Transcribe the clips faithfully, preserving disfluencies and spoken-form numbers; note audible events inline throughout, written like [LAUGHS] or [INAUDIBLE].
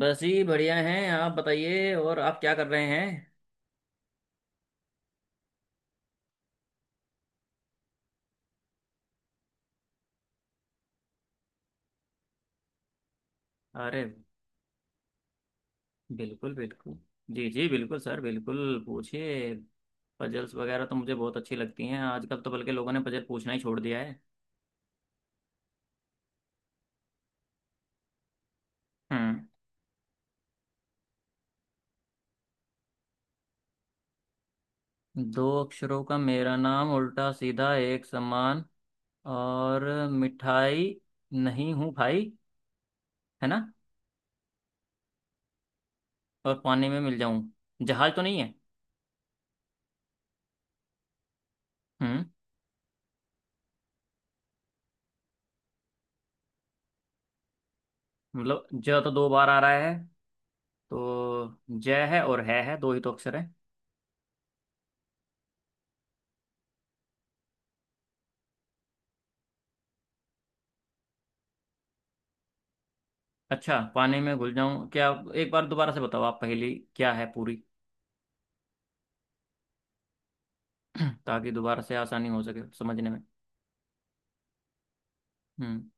बस ही बढ़िया हैं। आप बताइए, और आप क्या कर रहे हैं? अरे बिल्कुल बिल्कुल, जी जी बिल्कुल सर, बिल्कुल पूछिए। पजल्स वगैरह तो मुझे बहुत अच्छी लगती हैं, आजकल तो बल्कि लोगों ने पजल पूछना ही छोड़ दिया है। हम्म। दो अक्षरों का मेरा नाम, उल्टा सीधा एक समान। और मिठाई नहीं हूँ भाई, है ना। और पानी में मिल जाऊं। जहाज तो नहीं है? हम्म। मतलब ज तो दो बार आ रहा है, तो ज है और है है दो ही तो अक्षर है। अच्छा, पानी में घुल जाऊं क्या? आप- एक बार दोबारा से बताओ, आप पहेली क्या है पूरी। [CLEARS THROAT] ताकि दोबारा से आसानी हो सके समझने में। हम्म।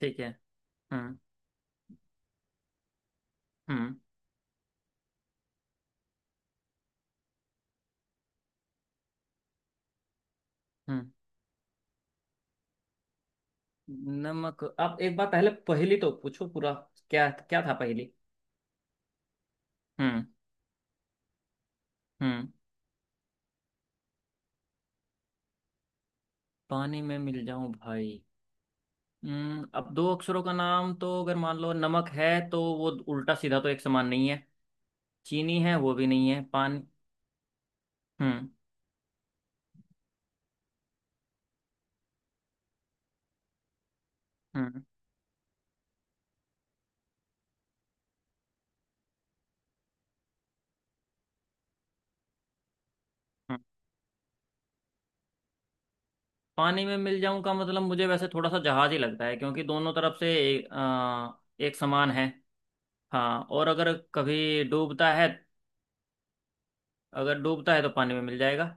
ठीक है। हम्म। हम्म हम्म नमक? आप एक बार पहले पहेली तो पूछो पूरा, क्या क्या था पहेली। हम्म। हम्म। पानी में मिल जाऊं भाई। हम्म, अब दो अक्षरों का नाम तो अगर मान लो नमक है, तो वो उल्टा सीधा तो एक समान नहीं है। चीनी है, वो भी नहीं है। पानी। हम्म। हम्म। पानी में मिल जाऊं का मतलब मुझे वैसे थोड़ा सा जहाज ही लगता है, क्योंकि दोनों तरफ से एक, अ, एक समान है। हाँ, और अगर कभी डूबता है। अगर डूबता है तो पानी में मिल जाएगा।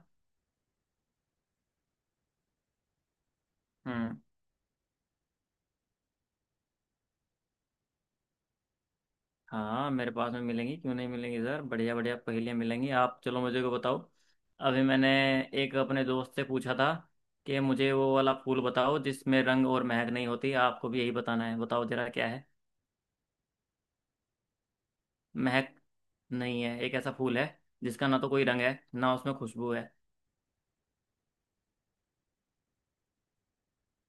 हम्म। हाँ, मेरे पास में मिलेंगी, क्यों नहीं मिलेंगी सर, बढ़िया बढ़िया पहेलियाँ मिलेंगी। आप चलो मुझे को बताओ। अभी मैंने एक अपने दोस्त से पूछा था कि मुझे वो वाला फूल बताओ जिसमें रंग और महक नहीं होती। आपको भी यही बताना है, बताओ जरा क्या है। महक नहीं है, एक ऐसा फूल है जिसका ना तो कोई रंग है, ना उसमें खुशबू है।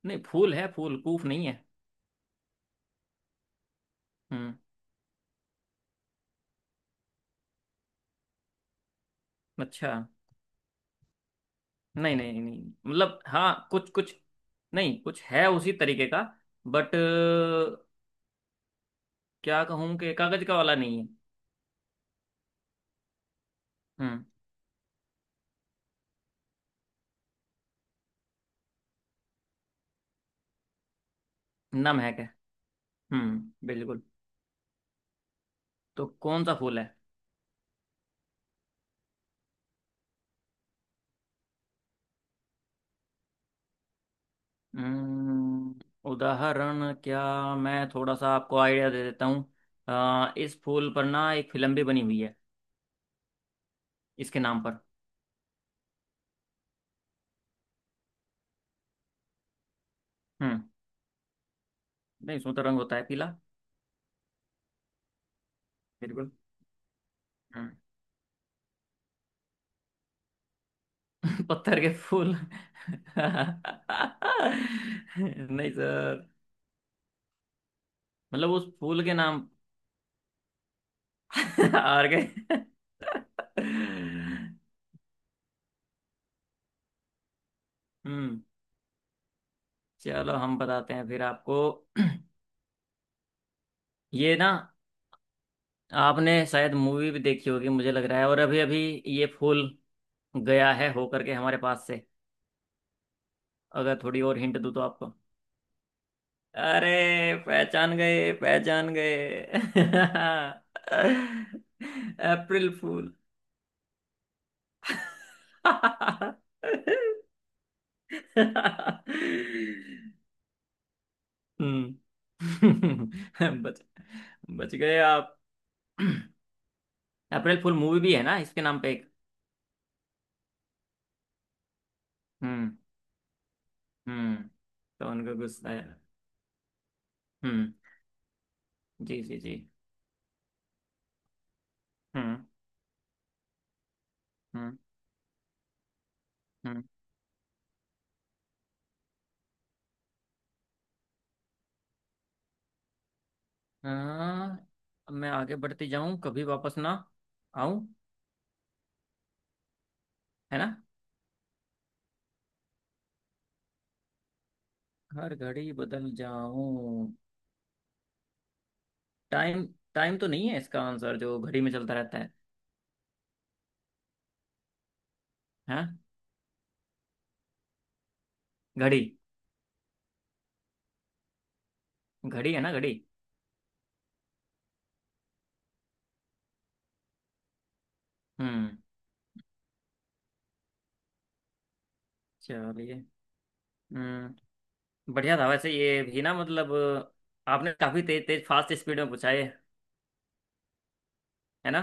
नहीं, फूल है, फूल कूफ नहीं है। हम्म। अच्छा। नहीं नहीं नहीं मतलब हाँ, कुछ कुछ। नहीं, कुछ है उसी तरीके का, बट क्या कहूँ कि कागज का वाला नहीं है। हम्म। नम है क्या? हम्म, बिल्कुल। तो कौन सा फूल है? हम्म, उदाहरण क्या? मैं थोड़ा सा आपको आइडिया दे देता हूँ। अ, इस फूल पर ना एक फिल्म भी बनी हुई है, इसके नाम पर। हम्म। नहीं, उसमें तो रंग होता है पीला। बिल्कुल। हम्म। पत्थर के फूल? [LAUGHS] नहीं सर, मतलब उस फूल के नाम। [LAUGHS] हार गए। हम्म। चलो हम बताते हैं फिर आपको। ये ना, आपने शायद मूवी भी देखी होगी मुझे लग रहा है, और अभी अभी ये फूल गया है हो करके हमारे पास से। अगर थोड़ी और हिंट दूँ तो आपको। अरे, पहचान गए पहचान गए। [LAUGHS] अप्रैल फूल। [LAUGHS] हम्म। [LAUGHS] बच बच गए आप। [CLEARS THROAT] अप्रैल फुल मूवी भी है ना इसके नाम पे एक। हम्म। हम्म, तो उनको गुस्सा है। हम्म। जी जी जी। हम्म। हम्म। हम्म। हाँ। अब मैं आगे बढ़ते जाऊं, कभी वापस ना आऊं। है ना। हर घड़ी बदल जाऊं। टाइम। टाइम तो नहीं है इसका आंसर, जो घड़ी में चलता रहता है। हाँ, घड़ी। घड़ी है ना, घड़ी। हम्म। चलिए। हम्म। बढ़िया था वैसे ये भी, ना मतलब आपने काफी तेज तेज फास्ट स्पीड में पूछा ये। है ना।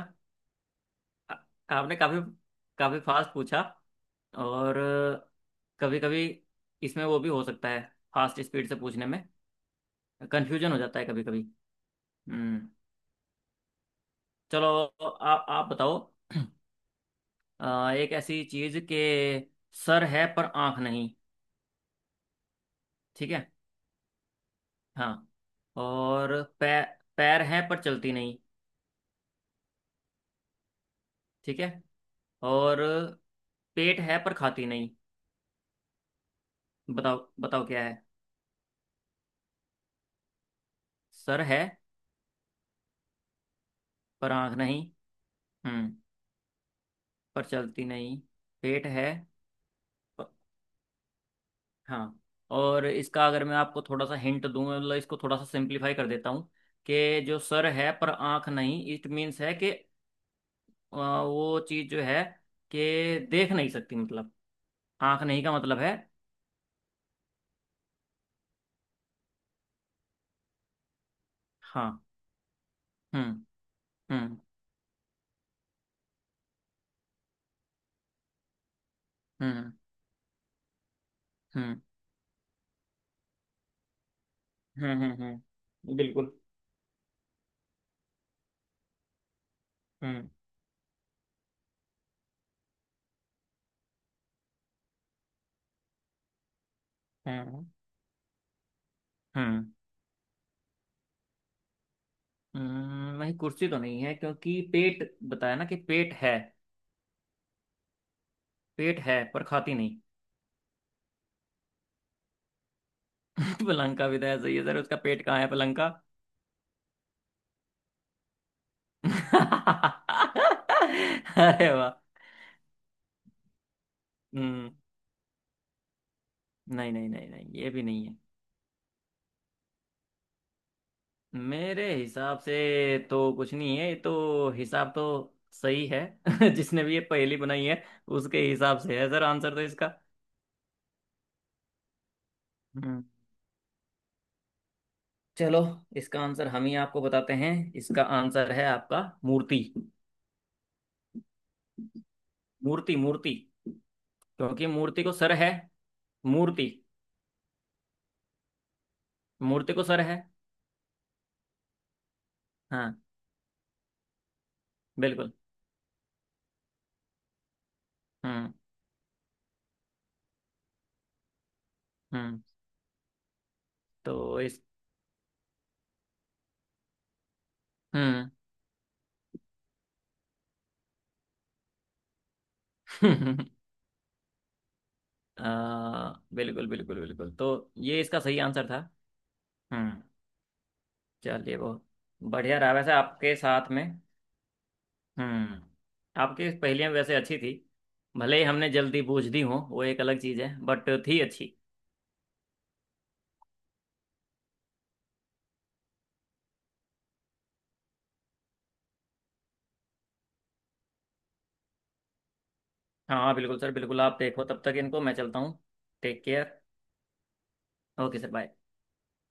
आ- आपने काफी काफी फास्ट पूछा। और कभी कभी इसमें वो भी हो सकता है, फास्ट स्पीड से पूछने में कंफ्यूजन हो जाता है कभी कभी। हम्म। चलो, आ, आप बताओ। [CLEARS THROAT] आ, एक ऐसी चीज के सर है पर आंख नहीं। ठीक है। हाँ। और पैर, पैर है पर चलती नहीं। ठीक है। और पेट है पर खाती नहीं। बताओ बताओ क्या है। सर है पर आंख नहीं। हम्म। पर चलती नहीं। पेट है। प- हाँ। और इसका अगर मैं आपको थोड़ा सा हिंट दूं, मतलब इसको थोड़ा सा सिंप्लीफाई कर देता हूँ कि जो सर है पर आंख नहीं, इट मीन्स है कि अ, वो चीज़ जो है कि देख नहीं सकती मतलब। आंख नहीं का मतलब है। हाँ। हम्म। हम्म। हम्म। हम्म। हम्म। हम्म। हम्म, बिल्कुल। हम्म। हम्म। हम्म। हम्म, नहीं कुर्सी तो नहीं है, क्योंकि पेट बताया ना कि पेट है, पेट है पर खाती नहीं। [LAUGHS] पलंग का भी तो ऐसा ही है सर, उसका पेट कहाँ है पलंग का। [LAUGHS] अरे वाह। हम्म। नहीं नहीं नहीं नहीं ये भी नहीं है। मेरे हिसाब से तो कुछ नहीं है, ये तो हिसाब तो सही है। [LAUGHS] जिसने भी ये पहेली बनाई है, उसके हिसाब से है सर आंसर तो इसका। हम्म। चलो, इसका आंसर हम ही आपको बताते हैं। इसका आंसर है आपका मूर्ति। मूर्ति मूर्ति क्योंकि मूर्ति को सर है, मूर्ति, मूर्ति को सर है। हाँ, बिल्कुल। हम्म। हम्म, तो इस। हम्म। [LAUGHS] आ, बिल्कुल बिल्कुल बिल्कुल, तो ये इसका सही आंसर था। हम्म। चलिए, बहुत बढ़िया रहा वैसे आपके साथ में। हम्म। आपकी पहेलियां वैसे अच्छी थी, भले ही हमने जल्दी बूझ दी हो वो एक अलग चीज़ है, बट थी अच्छी। हाँ बिल्कुल सर, बिल्कुल। आप देखो, तब तक इनको, मैं चलता हूँ। Take care. Okay sir, bye.